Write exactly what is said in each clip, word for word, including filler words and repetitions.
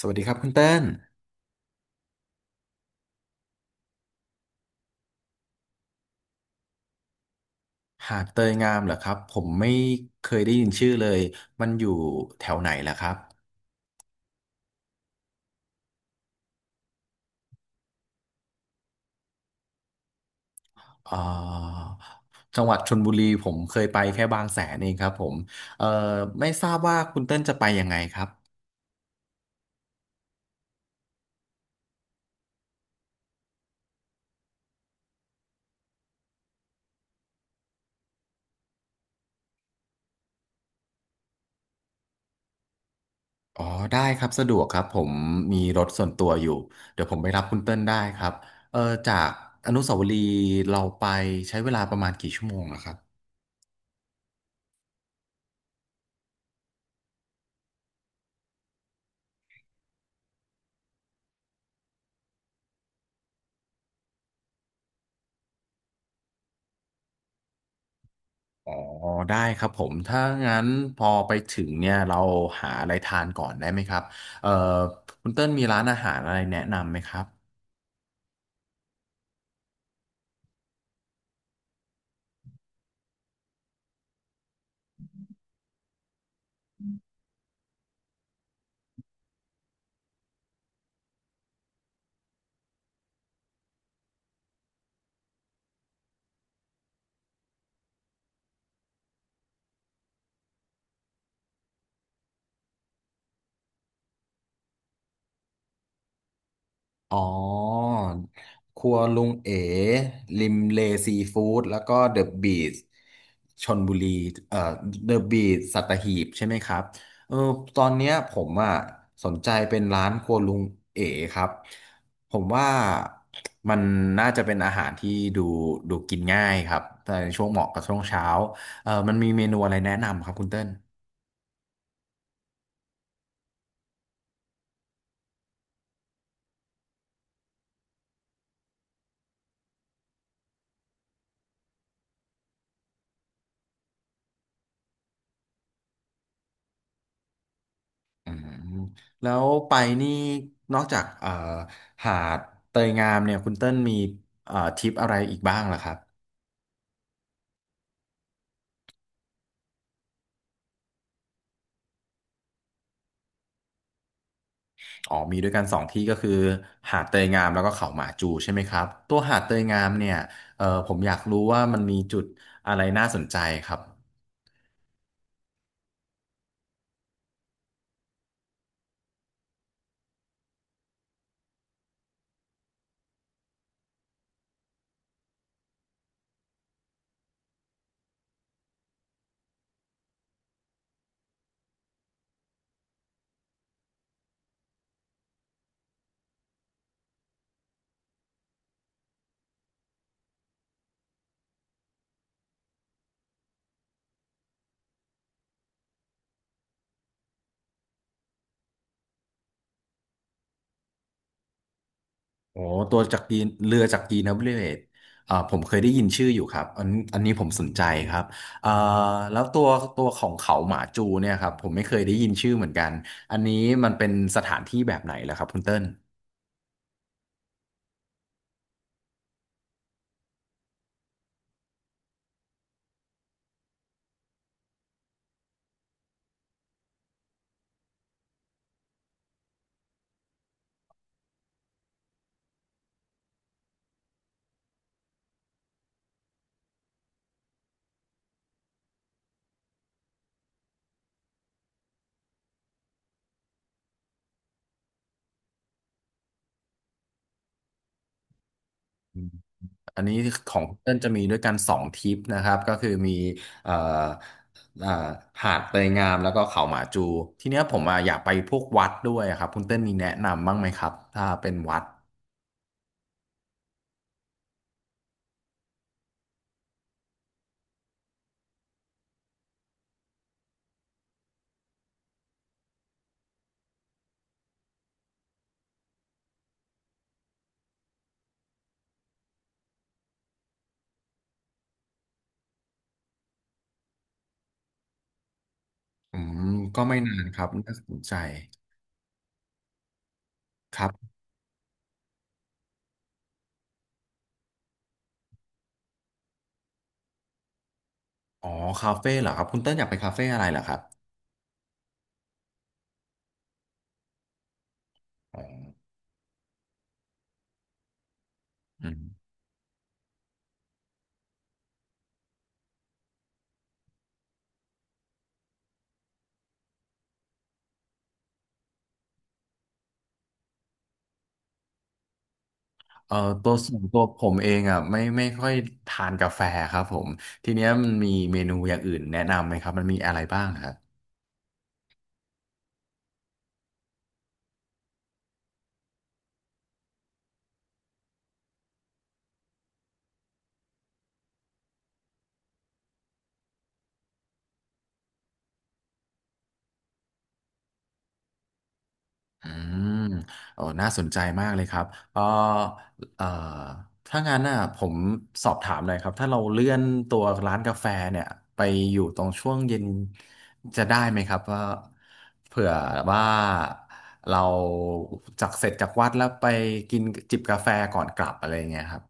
สวัสดีครับคุณเต้นหาดเตยงามเหรอครับผมไม่เคยได้ยินชื่อเลยมันอยู่แถวไหนล่ะครับเอ่อจังหวัดชลบุรีผมเคยไปแค่บางแสนเองครับผมเอ่อไม่ทราบว่าคุณเต้นจะไปยังไงครับอ๋อได้ครับสะดวกครับผมมีรถส่วนตัวอยู่เดี๋ยวผมไปรับคุณเต้นได้ครับเออจากอนุสาวรีย์เราไปใช้เวลาประมาณกี่ชั่วโมงล่ะครับ อ๋อได้ครับผมถ้างั้นพอไปถึงเนี่ยเราหาอะไรทานก่อนได้ไหมครับเอ่อคุณเติ้ลมีร้านอาหารอะไรแนะนำไหมครับ อ๋อครัวลุงเอ๋ริมเลซีฟู้ดแล้วก็เดอะบีทชลบุรีเอ่อเดอะบีทสัตหีบใช่ไหมครับเออตอนเนี้ยผมอ่ะสนใจเป็นร้านครัวลุงเอ๋ครับผมว่ามันน่าจะเป็นอาหารที่ดูดูกินง่ายครับ แต่ในช่วงเหมาะกับช่วงเช้าเออมันมีเมนูอะไรแนะนำครับคุณเติ้ล อืมแล้วไปนี่นอกจากเอ่อหาดเตยงามเนี่ยคุณเติ้ลมีเอ่อทริปอะไรอีกบ้างล่ะครับอ๋อมีด้วยกันสองที่ก็คือหาดเตยงามแล้วก็เขาหมาจูใช่ไหมครับตัวหาดเตยงามเนี่ยเอ่อผมอยากรู้ว่ามันมีจุดอะไรน่าสนใจครับ โอ้ตัวจากกีนเรือจากกีนนะบริเวตอ่าผมเคยได้ยินชื่ออยู่ครับอันอันนี้ผมสนใจครับอ่าแล้วตัวตัวของเขาหมาจูเนี่ยครับผมไม่เคยได้ยินชื่อเหมือนกันอันนี้มันเป็นสถานที่แบบไหนล่ะครับคุณเติ้ลอืมอันนี้ของคุณเติ้ลจะมีด้วยกันสองทริปนะครับก็คือมีเอ่อเอ่อหาดเตยงามแล้วก็เขาหมาจูทีเนี้ยผมอ่ะอยากไปพวกวัดด้วยครับคุณเติ้ลมีแนะนำบ้างไหมครับถ้าเป็นวัดอืมก็ไม่นานครับน่าสนใจครับ อ๋อคาเฟ่เหรอครับคุณเต้นอยากไปคาเฟ่อะไรเหรอครับอ๋ออืมเอ่อตัวส่วนตัวผมเองอ่ะไม่ไม่ค่อยทานกาแฟครับผมทีเนี้ยมันมีเมนูอย่างอื่นแนะนำไหมครับมันมีอะไรบ้างครับ อืมโอ้น่าสนใจมากเลยครับเออเอ่อถ้างั้นน่ะผมสอบถามหน่อยครับ ถ้าเราเลื่อนตัวร้านกาแฟเนี่ยไปอยู่ตรงช่วงเย็นจะได้ไหมครับว่าเผื่อว่าเราจากเสร็จจากวัดแล้วไปกินจิบกาแฟก่อนกลับอะไรอย่างเงี้ยครับ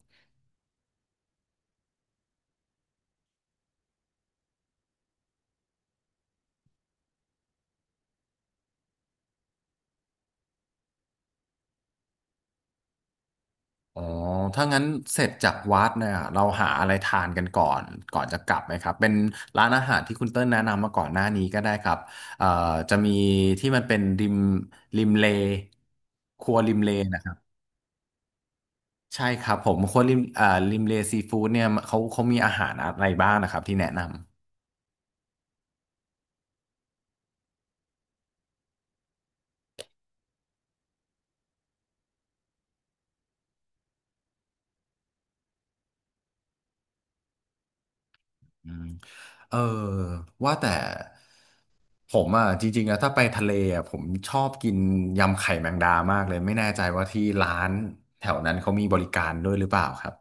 อ๋อถ้างั้นเสร็จจากวัดเนี่ยเราหาอะไรทานกันก่อนก่อนจะกลับไหมครับเป็นร้านอาหารที่คุณเติ้ลแนะนำมาก่อนหน้านี้ก็ได้ครับเอ่อจะมีที่มันเป็นริมริมเลครัวริมเลนะครับใช่ครับผมครัวริมเอ่อริมเลซีฟู้ดเนี่ยเขาเขามีอาหารอะไรบ้างนะครับที่แนะนำ อืมเออว่าแต่ผมอ่ะจริงๆนะถ้าไปทะเลอ่ะผมชอบกินยำไข่แมงดามากเลยไม่แน่ใจว่าที่ร้านแถวนั้นเขามีบริการด้วยหรือเปล่าครับ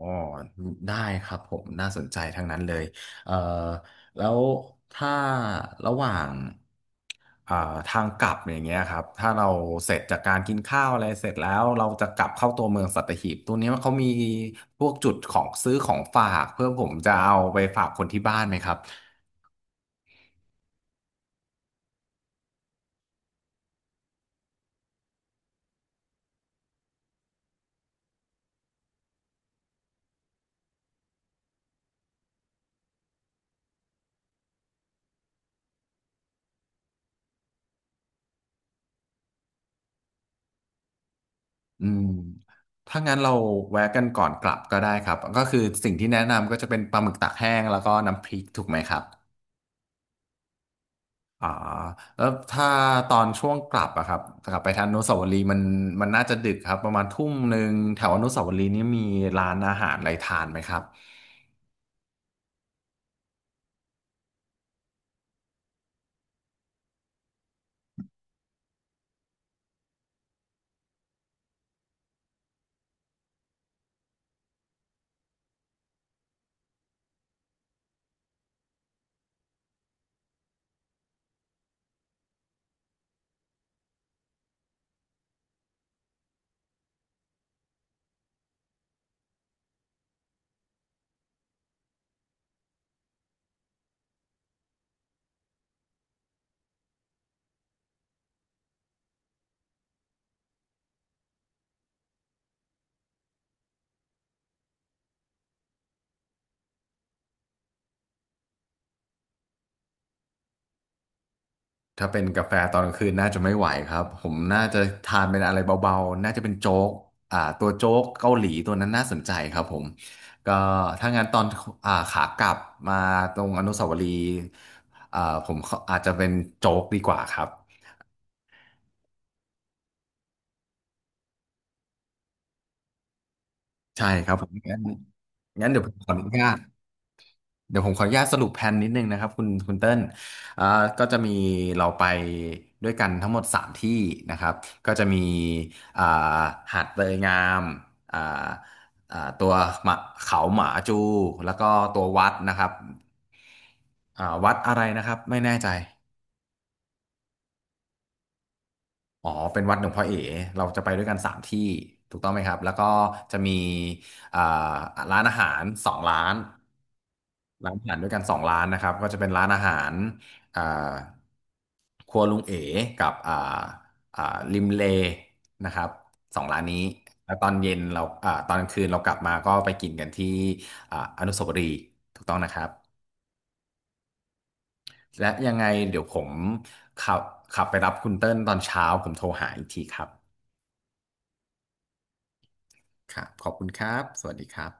อ๋อได้ครับผมน่าสนใจทั้งนั้นเลยเอ่อแล้วถ้าระหว่างอ่าทางกลับอย่างเงี้ยครับถ้าเราเสร็จจากการกินข้าวอะไรเสร็จแล้วเราจะกลับเข้าตัวเมืองสัตหีบตัวเนี้ยเขามีพวกจุดของซื้อของฝากเพื่อผมจะเอาไปฝากคนที่บ้านไหมครับอืมถ้างั้นเราแวะกันก่อนกลับก็ได้ครับก็คือสิ่งที่แนะนำก็จะเป็นปลาหมึกตากแห้งแล้วก็น้ำพริกถูกไหมครับ อ่าแล้วถ้าตอนช่วงกลับอะครับกลับไปทางอนุสาวรีย์มันมันน่าจะดึกครับประมาณทุ่มหนึ่งแถวอนุสาวรีย์นี่มีร้านอาหารอะไรทานไหมครับถ้าเป็นกาแฟตอนกลางคืนน่าจะไม่ไหวครับผมน่าจะทานเป็นอะไรเบาๆน่าจะเป็นโจ๊กอ่าตัวโจ๊กเกาหลีตัวนั้นน่าสนใจครับผมก็ถ้างั้นตอนอ่าขากลับมาตรงอนุสาวรีย์อ่าผมขออาจจะเป็นโจ๊กดีกว่าครับใช่ครับผมงั้นงั้นเดี๋ยวผมขออนุญาต เดี๋ยวผมขออนุญาตสรุปแผนนิดนึงนะครับคุณคุณเติ้ลอ่าก็จะมีเราไปด้วยกันทั้งหมดสามที่นะครับก็จะมีอ่าหาดเตยงามอ่าอ่าตัวหมาเขาหมาจูแล้วก็ตัววัดนะครับอ่าวัดอะไรนะครับไม่แน่ใจอ๋อเป็นวัดหลวงพ่อเอ๋เราจะไปด้วยกันสามที่ถูกต้องไหมครับแล้วก็จะมีอ่าร้านอาหารสองร้านร้านอาหารด้วยกันสองร้านนะครับก็จะเป็นร้านอาหารอ่า ครัวลุงเอ๋กับอ่าอ่าริมเลนะครับสองร้านนี้แล้วตอนเย็นเราอ่าตอนกลางคืนเรากลับมาก็ไปกินกันที่อ่าอนุสาวรีย์ถูกต้องนะครับและยังไงเดี๋ยวผมขับขับไปรับคุณเติ้ลตอนเช้าผมโทรหาอีกทีครับครับขอบคุณครับสวัสดีครับ